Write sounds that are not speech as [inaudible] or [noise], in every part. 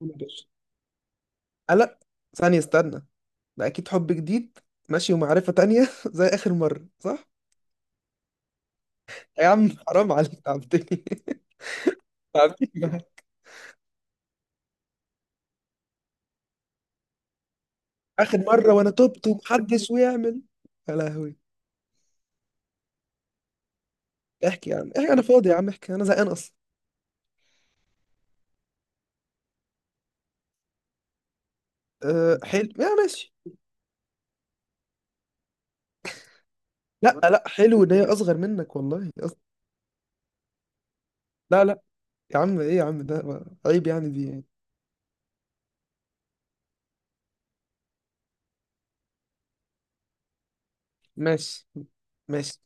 قول يا باشا. قلق؟ ثانية، استنى. ده أكيد حب جديد. ماشي، ومعرفة تانية [laughs] زي آخر مرة، صح؟ يا عم حرام عليك، تعبتني [laughs] تعبتني. آخر مرة وأنا تبت ومحدش ويعمل. يا لهوي. احكي يا عم احكي، أنا فاضي يا عم احكي، أنا زهقان أصلا. أه حلو، يا ماشي. لا لا، حلو إن هي أصغر منك والله أصلا. لا لا، يا عم إيه يا عم، ده عيب يعني، دي يعني. ماشي. ماشي.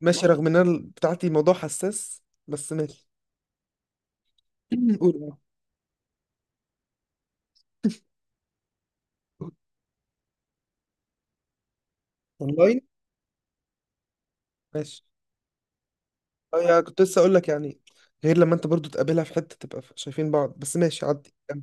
ماشي رغم إن أنا بتاعتي موضوع حساس. بس ماشي. [clears throat] قول. أونلاين. ماشي. اه يعني كنت لسه اقول لك يعني. غير لما انت برضو تقابلها في حته تبقى شايفين بعض، بس ماشي عدي كمل.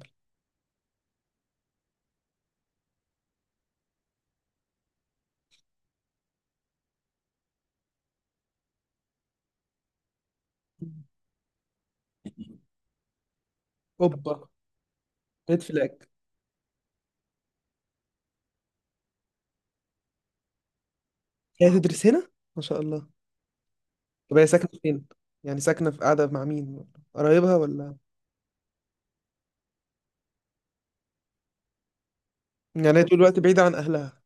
اوبا، ريد فلاج. هي تدرس هنا؟ ما شاء الله. طب هي ساكنه فين؟ يعني ساكنه في، قاعده مع مين؟ قرايبها ولا؟ يعني هي طول الوقت بعيده عن اهلها؟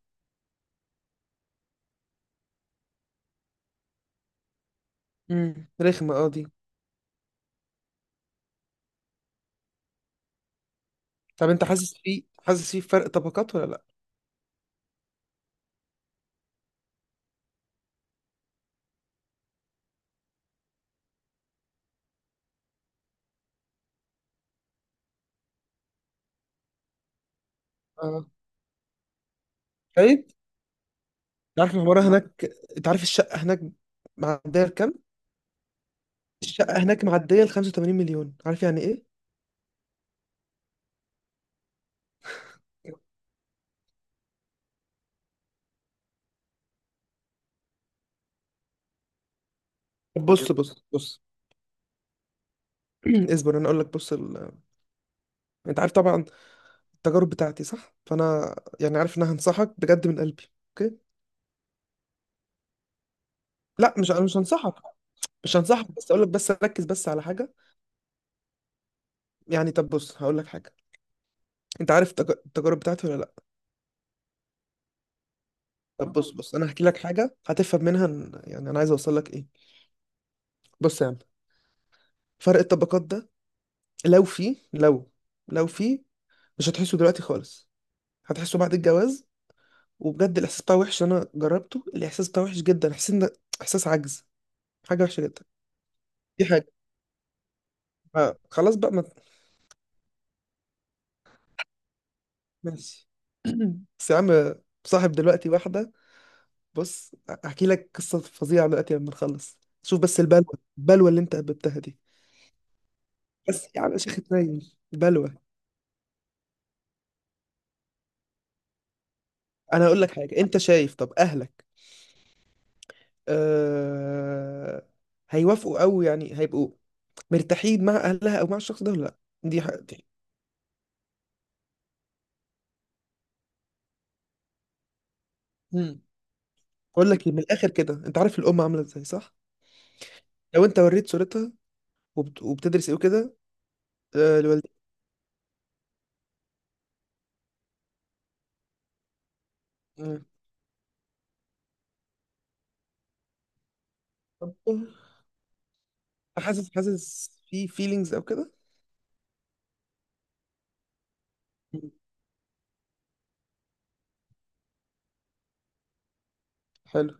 رخمه اه دي. طب انت حاسس في، حاسس في فرق طبقات ولا لا؟ اه. طيب. انت عارف العماره هناك؟ انت عارف الشقه هناك معديه لكام؟ الشقه هناك معديه ل 85 مليون، عارف يعني ايه. طب بص بص بص. [clears throat] اصبر انا اقول لك، بص. انت عارف طبعا التجارب بتاعتي صح، فانا يعني عارف ان انا هنصحك بجد من قلبي. اوكي. لا مش هنصحك. مش هنصحك، بس اقول لك، بس ركز بس على حاجه. يعني طب بص، هقول لك حاجه. انت عارف التجارب بتاعتي ولا لا؟ طب بص انا هحكي لك حاجه هتفهم منها يعني انا عايز اوصل لك ايه. بص يا عم، فرق الطبقات ده، لو في لو لو في، مش هتحسه دلوقتي خالص. هتحسه بعد الجواز. وبجد الاحساس بتاعه وحش، انا جربته. الاحساس بتاعه وحش جدا. احساس احساس عجز، حاجه وحشه جدا. دي حاجه. خلاص بقى ما. ماشي. [clears throat] بس يا عم، صاحب دلوقتي واحدة. بص احكي لك قصة فظيعة دلوقتي لما نخلص. شوف بس البلوة، البلوة اللي انت قبلتها دي. بس يا عم شيخ اتنين. بلوة. انا هقول لك حاجة، انت شايف طب اهلك أه... هيوافقوا او يعني هيبقوا مرتاحين مع اهلها او مع الشخص ده ولا لا؟ دي حاجة دي. مم. اقول لك إيه، من الاخر كده، انت عارف الام عاملة ازاي صح؟ لو انت وريت صورتها وبتدرس ايه وكده أه... لوالدتك. حاسس، حاسس في فيلينجز او كده؟ مم. حلو.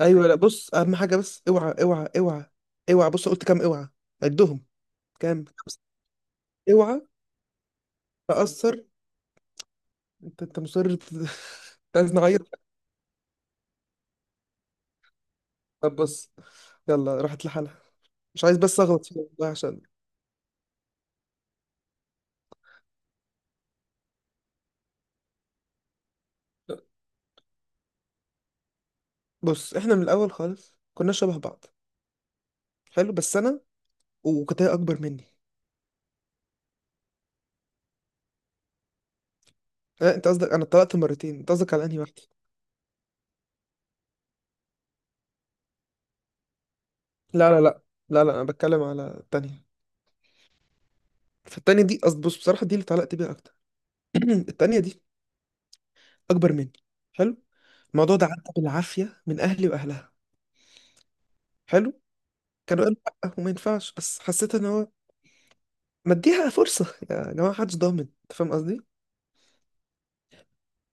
ايوه. لا بص، اهم حاجه بس اوعى اوعى اوعى. اوعى. بص قلت كام اوعى؟ عدهم. كام؟ خمسة. اوعى تاثر. انت مصر [laughs] انت عايز نعيط؟ طب بص، يلا راحت لحالها. مش عايز بس اغلط فيها والله عشان. بص احنا من الاول خالص كنا شبه بعض، حلو، بس انا وكنت هي اكبر مني. لا انت قصدك؟ انا اتطلقت مرتين، انت قصدك على انهي واحده؟ لا لا لا لا لا، انا بتكلم على التانية. فالتانية دي بص بصراحه دي اللي اتعلقت بيها اكتر. [clears throat] التانية دي أكبر مني. حلو. الموضوع ده عدى بالعافية من أهلي وأهلها. حلو. كانوا قالوا لأ وما ينفعش، بس حسيت إن هو مديها فرصة يا جماعة، محدش ضامن، أنت فاهم قصدي؟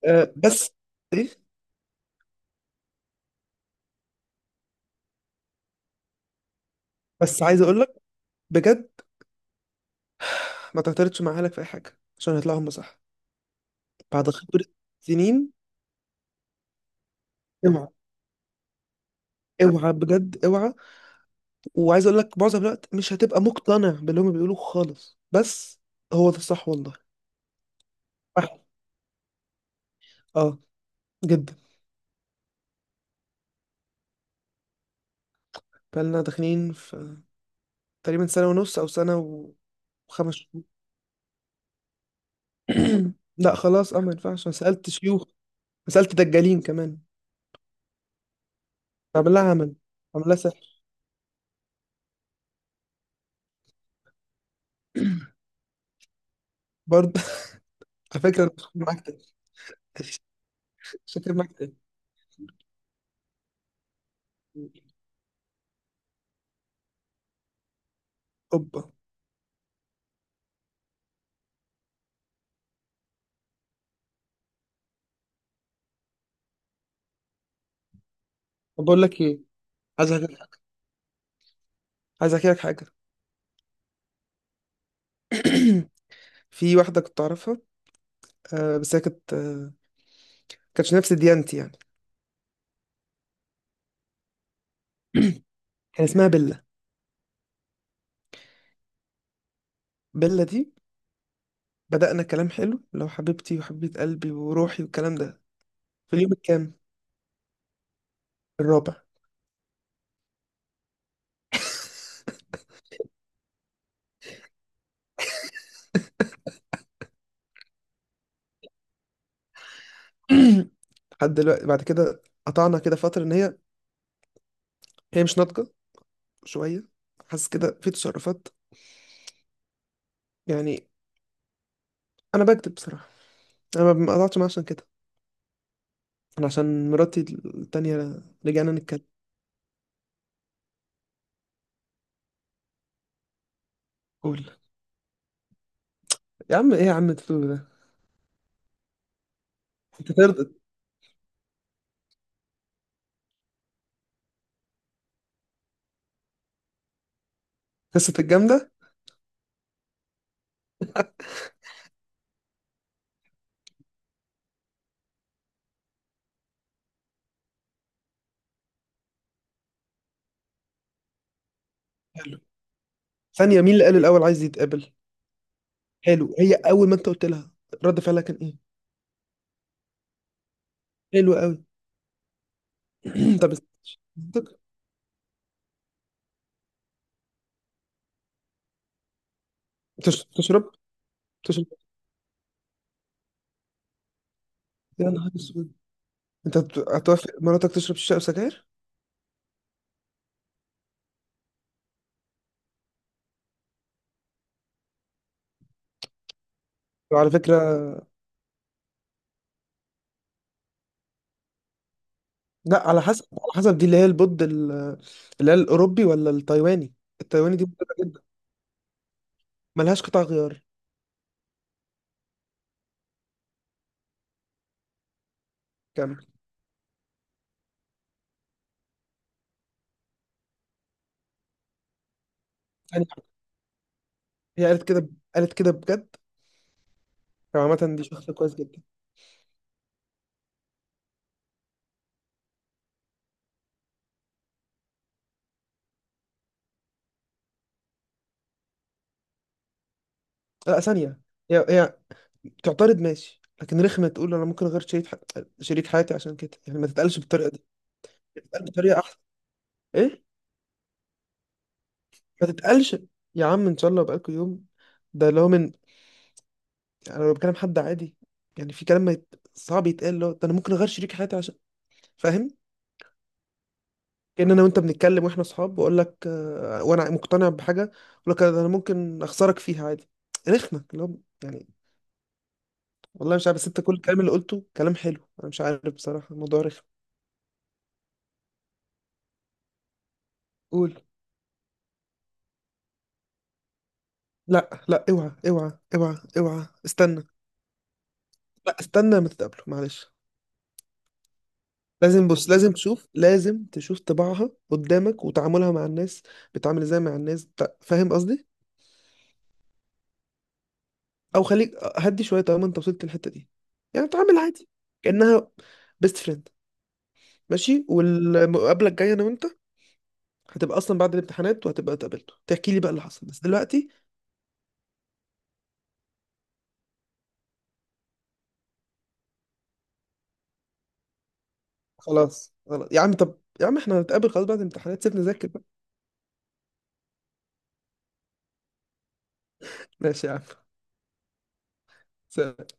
أه بس. إيه؟ بس عايز أقول لك بجد [sighs] ما تعترضش مع أهلك في أي حاجة عشان هيطلعوا هم صح. بعد خبرة سنين. اوعى. اوعى بجد اوعى. وعايز أقول لك معظم الوقت مش هتبقى مقتنع باللي هم بيقولوه خالص، بس هو ده الصح والله. واحد. اه. جدا. فاحنا داخلين في تقريبا سنة ونص أو سنة وخمس شهور. [clears throat] لا خلاص أه، ما ينفعش. أنا سألت شيوخ. أنا سألت دجالين كمان. أعمل لها عمل، أعمل لها سحر. برضه [laughs] على فكرة أنا شاكر معاك تاني. شاكر معاك تاني. أوبا. طب بقول لك إيه، عايز أحكي لك حاجة. عايز أحكي لك حاجة. [clears throat] في واحدة كنت أعرفها، آه بس هي كانت آه، كانتش نفس ديانتي يعني. [clears throat] كان اسمها بيلا. بيلا دي بدأنا كلام حلو، لو حبيبتي وحبيبة قلبي وروحي والكلام ده. في اليوم الكام؟ الرابع. [clears throat] لحد دلوقتي، بعد كده قطعنا كده فترة ان هي مش ناضجة شوية، حاسس كده في تصرفات، يعني. انا بكتب بصراحة. انا ما قطعتش معاها عشان كده. انا عشان مراتي التانية رجعنا نتكلم. قول. يا عم ايه يا عم تقول ده؟ انت ترضى؟ قصة الجامدة. حلو. ثانية، مين اللي قال الاول عايز يتقابل؟ حلو. هي اول ما انت قلت لها رد فعلها كان ايه؟ حلو قوي. [clears throat] طب استك- تشرب. تشرب؟ يا نهار اسود. انت هتوافق مراتك تشرب شيشه وسجاير؟ وعلى فكرة، لا على حسب، على حسب دي اللي هي البود اللي هي الأوروبي ولا التايواني. التايواني دي مضرة جدا، ملهاش قطع غيار. كامل. ثانية واحدة. هي قالت كده؟ قالت كده بجد؟ هو عامة دي شخص كويس جدا. لا ثانية، هي تعترض ماشي، لكن رخمة تقول أنا ممكن أغير شريك ح... شريك حياتي عشان كده. يعني ما تتقالش بالطريقة دي. تتقال بطريقة أحسن. إيه. ما تتقالش. يا عم إن شاء الله بقالكوا يوم. ده اللي هو من، أنا لو بكلم حد عادي يعني، في كلام ما يت... صعب يتقال، اللي هو ده، أنا ممكن أغير شريك حياتي عشان. فاهم؟ كأن انا وانت بنتكلم واحنا اصحاب واقول لك وانا مقتنع بحاجه اقول لك انا ممكن اخسرك فيها عادي. رخمه اللي هو، يعني والله مش عارف. بس انت كل الكلام اللي قلته كلام حلو، انا مش عارف بصراحه الموضوع رخم. قول. لا لا، اوعى اوعى اوعى اوعى، استنى. لا استنى، ما تتقابلوا معلش. لازم، بص لازم تشوف، لازم تشوف طباعها قدامك، وتعاملها مع الناس. بتعامل ازاي مع الناس فاهم قصدي؟ او خليك هدي شويه طالما انت وصلت للحته دي. يعني تعامل عادي كانها بيست فريند. ماشي، والمقابله الجايه انا وانت هتبقى اصلا بعد الامتحانات، وهتبقى اتقابلتوا تحكي لي بقى اللي حصل. بس دلوقتي خلاص خلاص يا عم، طب يا عم احنا هنتقابل خلاص بعد الامتحانات، سيبنا نذاكر بقى. ماشي يا عم. سلام.